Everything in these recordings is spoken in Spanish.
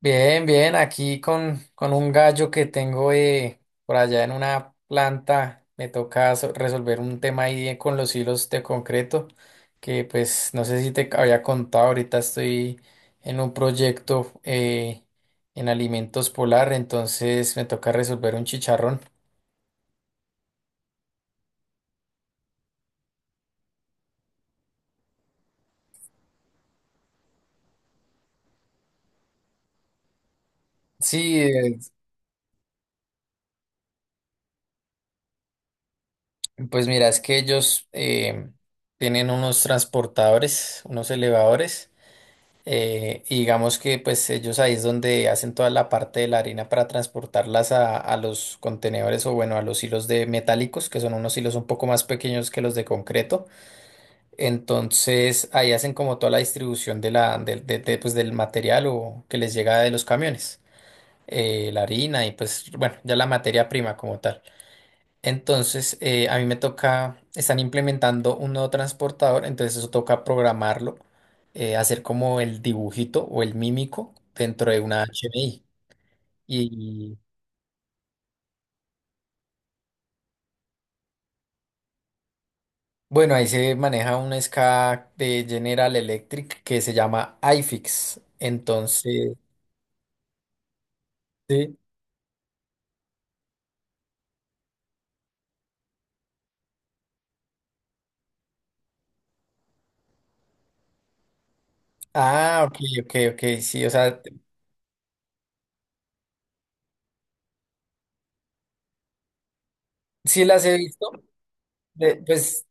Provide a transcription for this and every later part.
Bien, bien, aquí con un gallo que tengo por allá en una planta, me toca resolver un tema ahí con los hilos de concreto, que pues no sé si te había contado, ahorita estoy en un proyecto en alimentos polar, entonces me toca resolver un chicharrón. Sí, pues mira, es que ellos tienen unos transportadores, unos elevadores. Y digamos que pues ellos ahí es donde hacen toda la parte de la harina para transportarlas a los contenedores o bueno, a los hilos de metálicos, que son unos hilos un poco más pequeños que los de concreto. Entonces ahí hacen como toda la distribución de la, del de, pues, del material o que les llega de los camiones, la harina y pues bueno, ya la materia prima como tal. Entonces, a mí me toca, están implementando un nuevo transportador, entonces eso toca programarlo, hacer como el dibujito o el mímico dentro de una HMI. Y bueno, ahí se maneja un SCADA de General Electric que se llama iFix. Entonces, sí. Ah, ok, ok, ok, sí, o sea, sí las he visto. Pues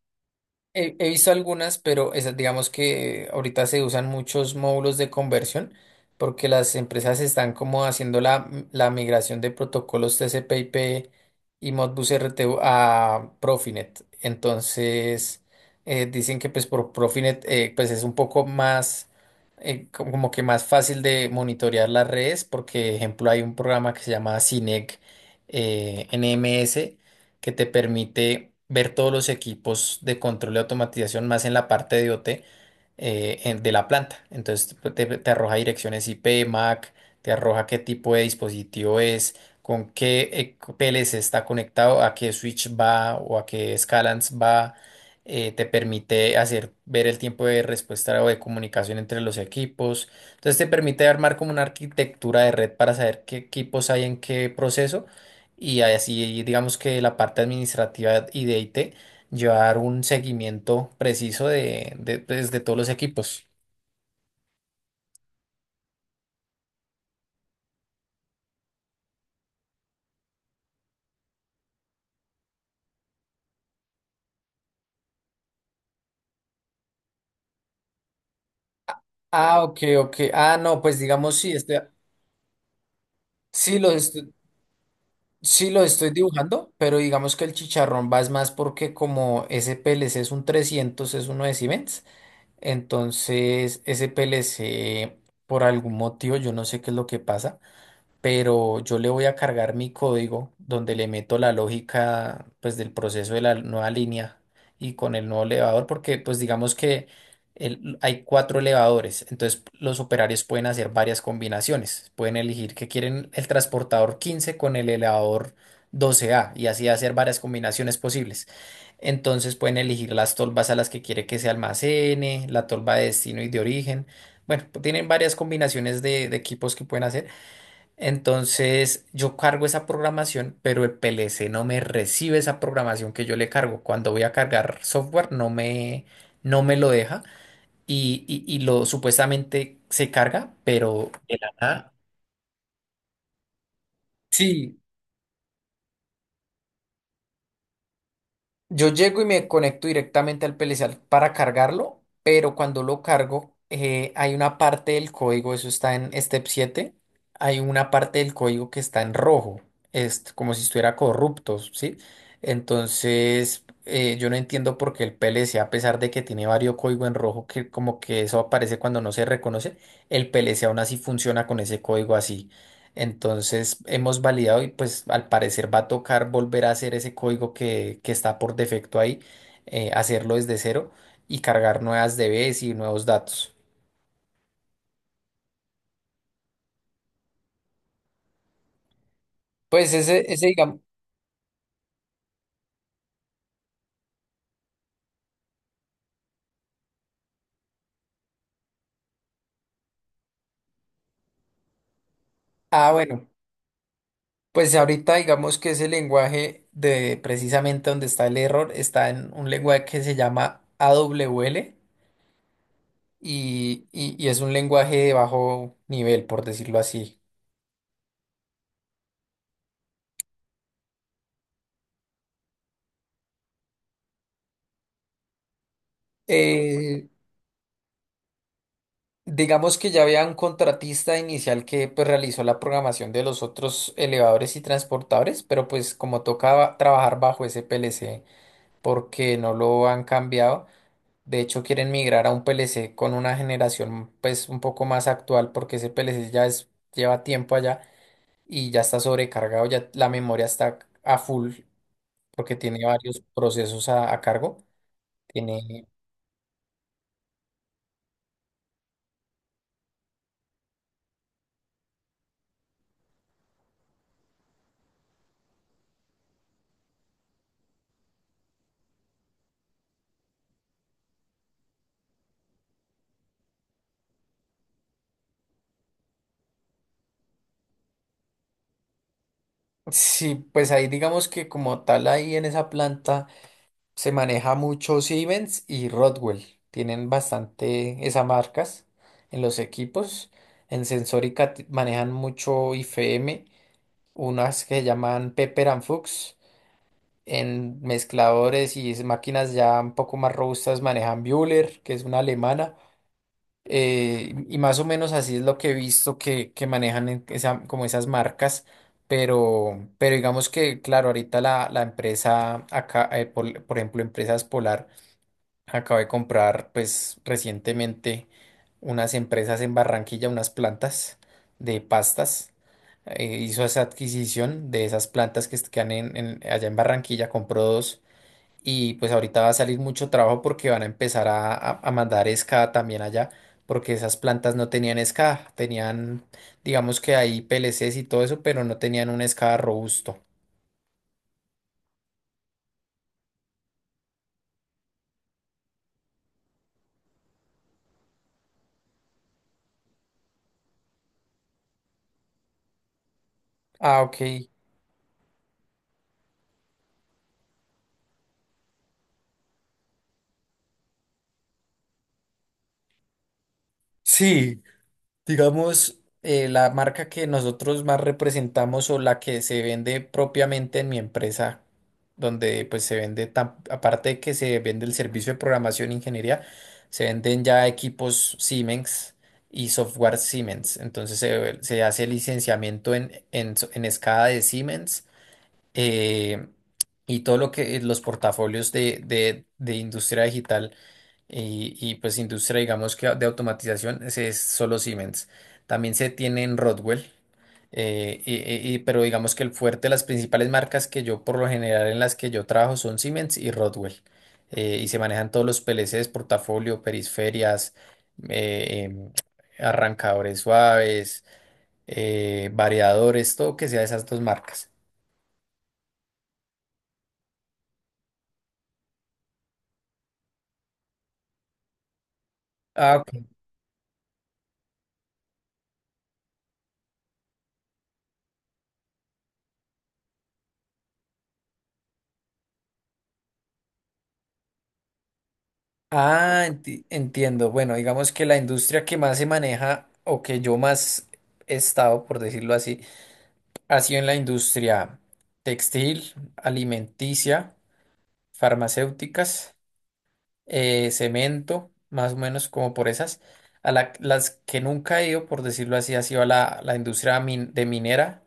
he visto algunas, pero esas, digamos que ahorita se usan muchos módulos de conversión porque las empresas están como haciendo la migración de protocolos TCP/IP y Modbus RTU a Profinet. Entonces, dicen que pues por Profinet pues es un poco más, como que más fácil de monitorear las redes porque, ejemplo, hay un programa que se llama CINEC NMS que te permite ver todos los equipos de control y automatización más en la parte de IoT de la planta. Entonces te arroja direcciones IP, MAC, te arroja qué tipo de dispositivo es, con qué PLC está conectado, a qué switch va o a qué scalans va. Te permite hacer ver el tiempo de respuesta o de comunicación entre los equipos. Entonces te permite armar como una arquitectura de red para saber qué equipos hay en qué proceso. Y así digamos que la parte administrativa y de IT llevar un seguimiento preciso de todos los equipos. Ah, ok, ok. Ah, no, pues digamos sí, sí los estoy, sí los estoy dibujando, pero digamos que el chicharrón va es más porque como ese PLC es un 300 es uno de Siemens, entonces ese PLC por algún motivo, yo no sé qué es lo que pasa, pero yo le voy a cargar mi código donde le meto la lógica pues del proceso de la nueva línea y con el nuevo elevador porque pues digamos que hay cuatro elevadores, entonces los operarios pueden hacer varias combinaciones, pueden elegir que quieren el transportador 15 con el elevador 12A y así hacer varias combinaciones posibles. Entonces pueden elegir las tolvas a las que quiere que se almacene, la tolva de destino y de origen. Bueno, tienen varias combinaciones de equipos que pueden hacer. Entonces yo cargo esa programación, pero el PLC no me recibe esa programación que yo le cargo. Cuando voy a cargar software no me lo deja y lo supuestamente se carga, pero de la nada. Sí, yo llego y me conecto directamente al PLC para cargarlo, pero cuando lo cargo, hay una parte del código, eso está en Step siete, hay una parte del código que está en rojo, es como si estuviera corrupto, ¿sí? Entonces, yo no entiendo por qué el PLC, a pesar de que tiene varios códigos en rojo, que como que eso aparece cuando no se reconoce, el PLC aún así funciona con ese código así. Entonces hemos validado y pues al parecer va a tocar volver a hacer ese código que está por defecto ahí, hacerlo desde cero y cargar nuevas DBs y nuevos datos. Pues ese digamos, ah bueno, pues ahorita digamos que ese lenguaje de precisamente donde está el error está en un lenguaje que se llama AWL y es un lenguaje de bajo nivel, por decirlo así. Eh, Digamos que ya había un contratista inicial que pues, realizó la programación de los otros elevadores y transportadores, pero pues como tocaba trabajar bajo ese PLC porque no lo han cambiado, de hecho quieren migrar a un PLC con una generación pues un poco más actual porque ese PLC ya es, lleva tiempo allá y ya está sobrecargado, ya la memoria está a full porque tiene varios procesos a cargo. Tiene, sí, pues ahí digamos que como tal ahí en esa planta. Se maneja mucho Siemens y Rodwell. Tienen bastante esas marcas en los equipos. En Sensórica manejan mucho IFM, unas que llaman Pepper and Fuchs. En mezcladores y máquinas ya un poco más robustas manejan Bühler, que es una alemana. Y más o menos así es lo que he visto que manejan en como esas marcas. Pero digamos que, claro, ahorita la, la empresa acá, por ejemplo, Empresas Polar. Acabo de comprar, pues, recientemente unas empresas en Barranquilla, unas plantas de pastas. Hizo esa adquisición de esas plantas que están en allá en Barranquilla, compró dos. Y pues ahorita va a salir mucho trabajo porque van a empezar a a- mandar escada también allá, porque esas plantas no tenían escada, tenían, digamos que ahí PLCs y todo eso, pero no tenían un escada robusto. Ah, ok. Sí, digamos, la marca que nosotros más representamos o la que se vende propiamente en mi empresa, donde pues se vende, aparte de que se vende el servicio de programación e ingeniería, se venden ya equipos Siemens y software Siemens. Entonces se hace licenciamiento en escala de Siemens eh, y todo lo que los portafolios de, de industria digital y pues industria, digamos que de automatización, ese es solo Siemens. También se tiene en Rodwell, eh, y- pero digamos que el fuerte, las principales marcas que yo por lo general en las que yo trabajo son Siemens y Rodwell. Y se manejan todos los PLCs, portafolio, periferias, eh, em, arrancadores suaves, variadores, todo que sea de esas dos marcas. Ah, Entiendo. Bueno, digamos que la industria que más se maneja o que yo más he estado, por decirlo así, ha sido en la industria textil, alimenticia, farmacéuticas, cemento, más o menos como por esas. A las que nunca he ido, por decirlo así, ha sido a la industria de minera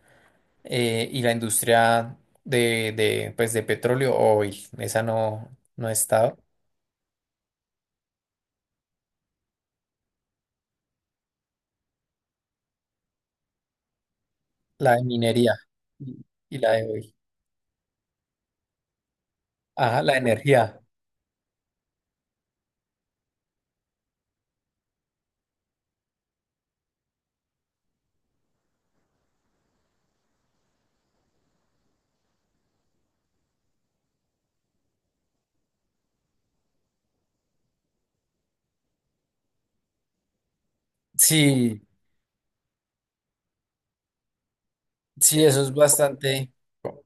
y la industria de, pues, de petróleo o oil. Esa no, no he estado. La de minería y y la de oil. Ajá, la energía. Sí, sí, eso es bastante. o-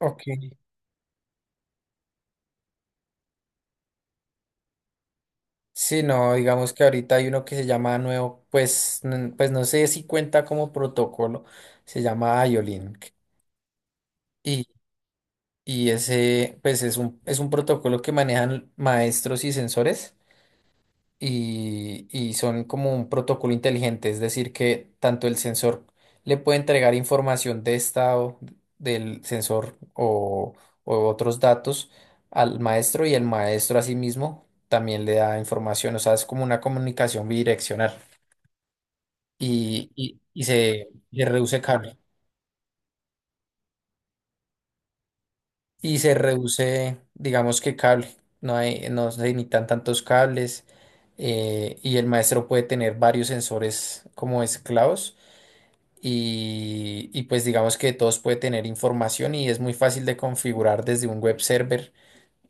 Ok. Sí, no, digamos que ahorita hay uno que se llama nuevo, pues, pues no sé si cuenta como protocolo, se llama io. Y, y ese, pues es un protocolo que manejan maestros y sensores. Y son como un protocolo inteligente, es decir, que tanto el sensor le puede entregar información de estado del sensor o otros datos al maestro y el maestro asimismo también le da información, o sea, es como una comunicación bidireccional y se reduce cable y se reduce, digamos que cable, no hay, no se necesitan tantos cables y el maestro puede tener varios sensores como esclavos y pues digamos que todos puede tener información y es muy fácil de configurar desde un web server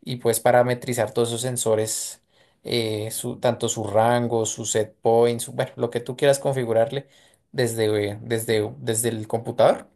y puedes parametrizar todos esos sensores, su, tanto su rango, su set point, bueno, lo que tú quieras configurarle desde, desde, desde el computador.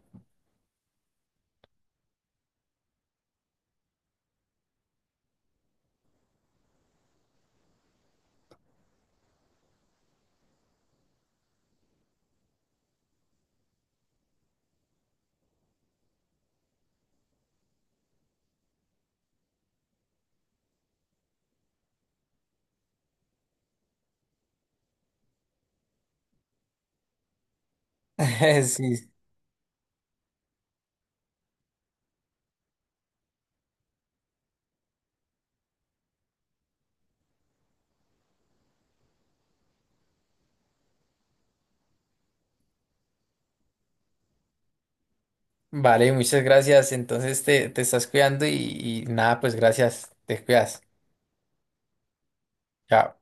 Sí. Vale, muchas gracias. Entonces te estás cuidando y nada, pues gracias, te cuidas. Chao.